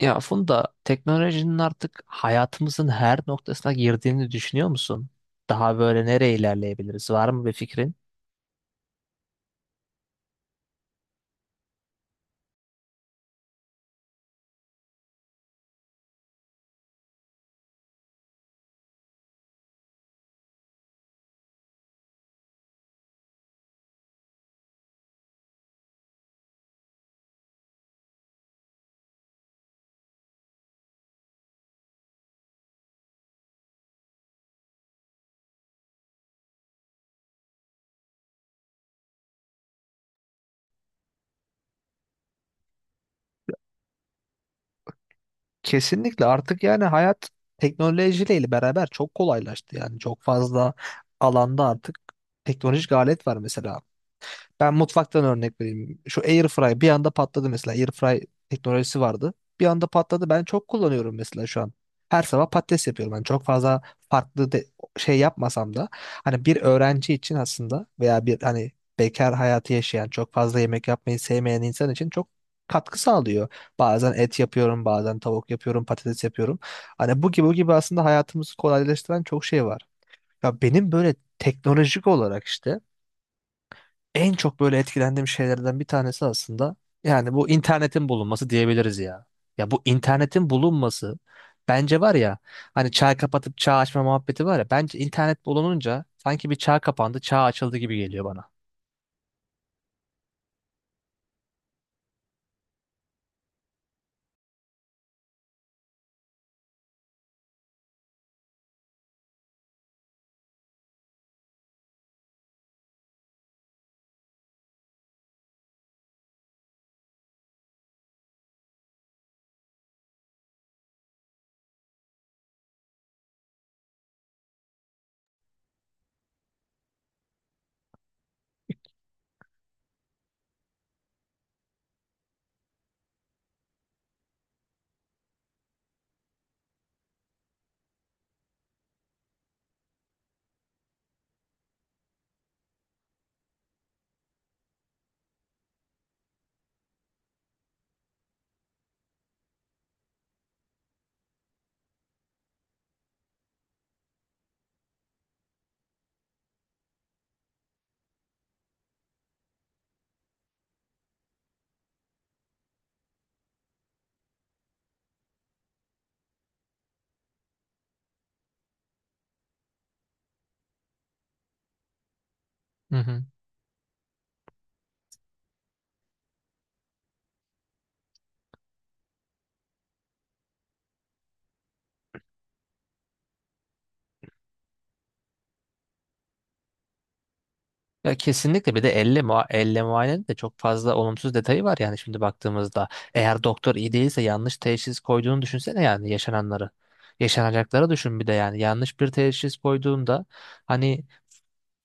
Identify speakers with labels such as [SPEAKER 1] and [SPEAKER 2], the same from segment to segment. [SPEAKER 1] Ya Funda, teknolojinin artık hayatımızın her noktasına girdiğini düşünüyor musun? Daha böyle nereye ilerleyebiliriz? Var mı bir fikrin? Kesinlikle artık yani hayat teknolojiyle beraber çok kolaylaştı, yani çok fazla alanda artık teknolojik alet var mesela. Ben mutfaktan örnek vereyim. Şu Airfry bir anda patladı mesela. Airfry teknolojisi vardı. Bir anda patladı. Ben çok kullanıyorum mesela şu an. Her sabah patates yapıyorum. Ben çok fazla farklı de, şey yapmasam da hani bir öğrenci için aslında veya bir hani bekar hayatı yaşayan, çok fazla yemek yapmayı sevmeyen insan için çok katkı sağlıyor. Bazen et yapıyorum, bazen tavuk yapıyorum, patates yapıyorum. Hani bu gibi aslında hayatımızı kolaylaştıran çok şey var. Ya benim böyle teknolojik olarak işte en çok böyle etkilendiğim şeylerden bir tanesi aslında yani bu internetin bulunması diyebiliriz ya. Ya bu internetin bulunması bence var ya, hani çağ kapatıp çağ açma muhabbeti var ya, bence internet bulununca sanki bir çağ kapandı çağ açıldı gibi geliyor bana. Hı hı. Ya kesinlikle bir de elle, elle muayenenin de çok fazla olumsuz detayı var yani şimdi baktığımızda. Eğer doktor iyi değilse yanlış teşhis koyduğunu düşünsene yani yaşananları. Yaşanacakları düşün bir de yani yanlış bir teşhis koyduğunda hani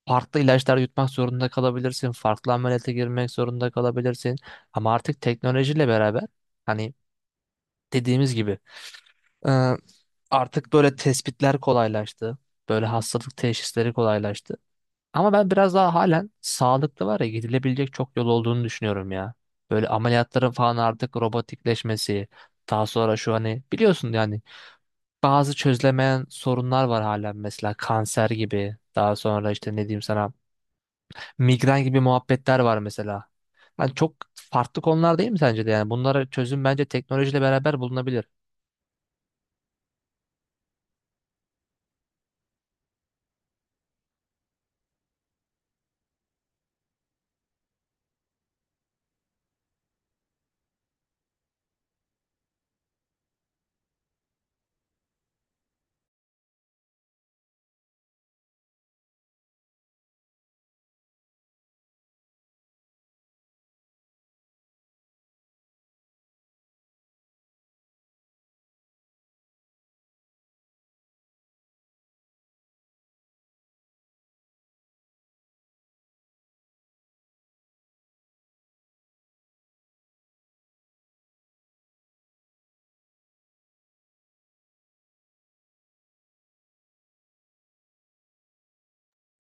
[SPEAKER 1] farklı ilaçlar yutmak zorunda kalabilirsin, farklı ameliyata girmek zorunda kalabilirsin. Ama artık teknolojiyle beraber hani dediğimiz gibi e, artık böyle tespitler kolaylaştı. Böyle hastalık teşhisleri kolaylaştı. Ama ben biraz daha halen sağlıklı var ya, gidilebilecek çok yol olduğunu düşünüyorum ya. Böyle ameliyatların falan artık robotikleşmesi, daha sonra şu hani biliyorsun yani bazı çözülemeyen sorunlar var halen mesela kanser gibi, daha sonra işte ne diyeyim sana, migren gibi muhabbetler var mesela. Yani çok farklı konular değil mi sence de, yani bunlara çözüm bence teknolojiyle beraber bulunabilir.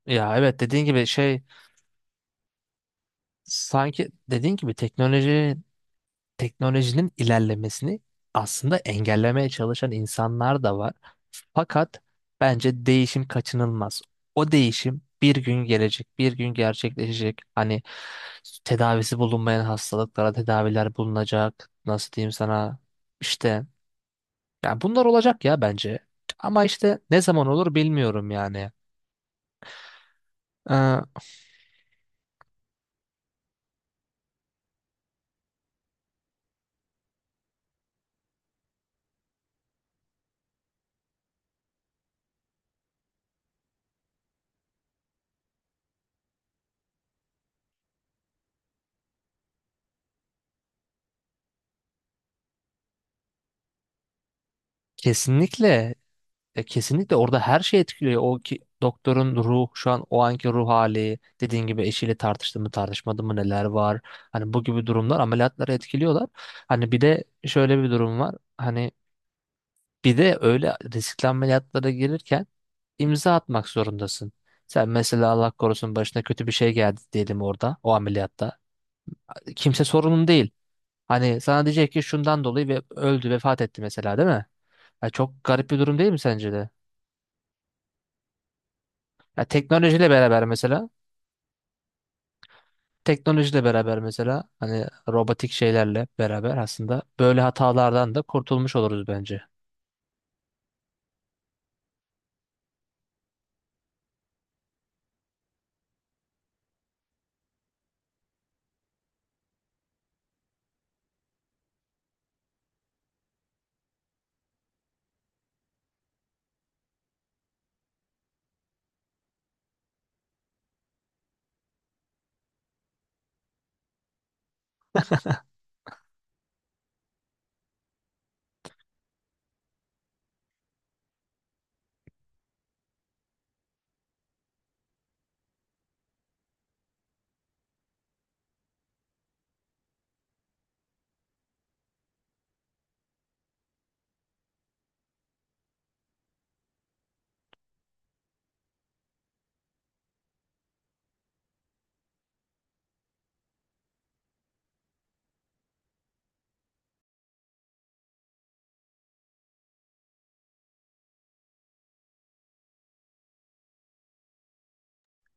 [SPEAKER 1] Ya evet dediğin gibi şey, sanki dediğin gibi teknolojinin ilerlemesini aslında engellemeye çalışan insanlar da var. Fakat bence değişim kaçınılmaz. O değişim bir gün gelecek, bir gün gerçekleşecek. Hani tedavisi bulunmayan hastalıklara tedaviler bulunacak. Nasıl diyeyim sana? İşte yani bunlar olacak ya bence. Ama işte ne zaman olur bilmiyorum yani. Ee, kesinlikle Kesinlikle orada her şey etkiliyor. O ki, doktorun ruh, şu an o anki ruh hali, dediğin gibi eşiyle tartıştı mı, tartışmadı mı, neler var. Hani bu gibi durumlar ameliyatları etkiliyorlar. Hani bir de şöyle bir durum var. Hani bir de öyle riskli ameliyatlara girirken imza atmak zorundasın. Sen mesela Allah korusun başına kötü bir şey geldi diyelim orada o ameliyatta. Kimse sorunun değil. Hani sana diyecek ki şundan dolayı ve öldü, vefat etti mesela değil mi? Ya çok garip bir durum değil mi sence de? Ya teknolojiyle beraber mesela Teknolojiyle beraber mesela hani robotik şeylerle beraber aslında böyle hatalardan da kurtulmuş oluruz bence.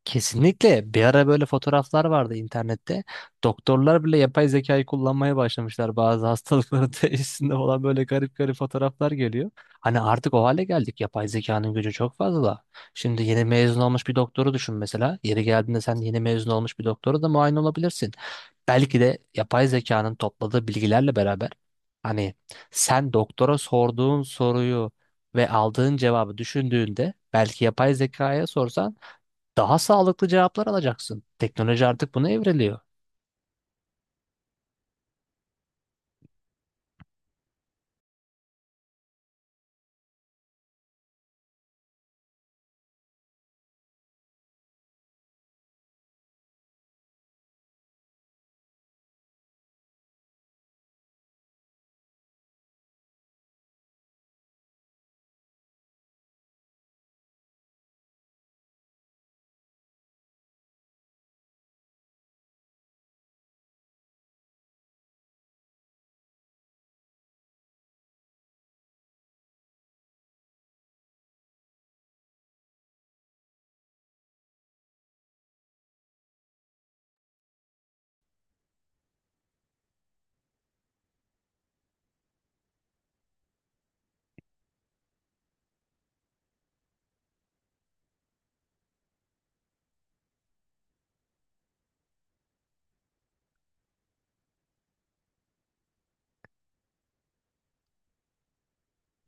[SPEAKER 1] Kesinlikle bir ara böyle fotoğraflar vardı internette. Doktorlar bile yapay zekayı kullanmaya başlamışlar, bazı hastalıkların teşhisinde olan böyle garip garip fotoğraflar geliyor. Hani artık o hale geldik. Yapay zekanın gücü çok fazla. Şimdi yeni mezun olmuş bir doktoru düşün mesela. Yeri geldiğinde sen yeni mezun olmuş bir doktora da muayene olabilirsin. Belki de yapay zekanın topladığı bilgilerle beraber hani sen doktora sorduğun soruyu ve aldığın cevabı düşündüğünde, belki yapay zekaya sorsan daha sağlıklı cevaplar alacaksın. Teknoloji artık buna evriliyor.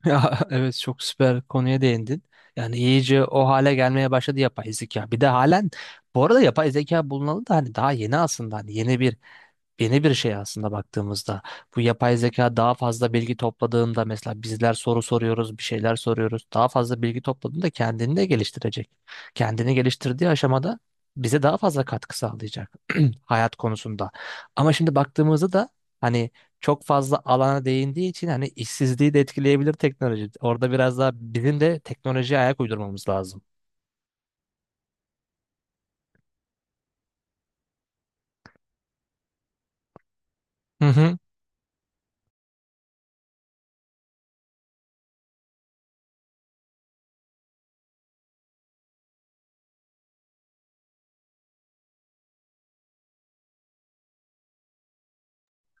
[SPEAKER 1] Ya evet, çok süper konuya değindin. Yani iyice o hale gelmeye başladı yapay zeka. Bir de halen bu arada yapay zeka bulunalı da hani daha yeni aslında, hani yeni bir şey aslında baktığımızda. Bu yapay zeka daha fazla bilgi topladığında mesela bizler soru soruyoruz, bir şeyler soruyoruz. Daha fazla bilgi topladığında kendini de geliştirecek. Kendini geliştirdiği aşamada bize daha fazla katkı sağlayacak, hayat konusunda. Ama şimdi baktığımızda da hani çok fazla alana değindiği için hani işsizliği de etkileyebilir teknoloji. Orada biraz daha bizim de teknolojiye ayak uydurmamız lazım. Hı hı.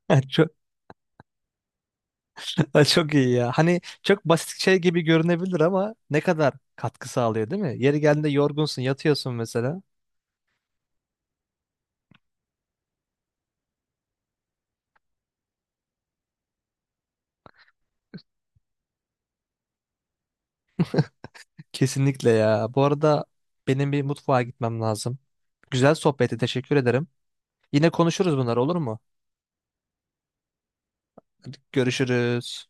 [SPEAKER 1] Çok, çok iyi ya. Hani çok basit şey gibi görünebilir ama ne kadar katkı sağlıyor değil mi? Yeri geldiğinde yorgunsun, yatıyorsun mesela. Kesinlikle ya. Bu arada benim bir mutfağa gitmem lazım. Güzel sohbeti teşekkür ederim. Yine konuşuruz, bunlar olur mu? Hadi görüşürüz.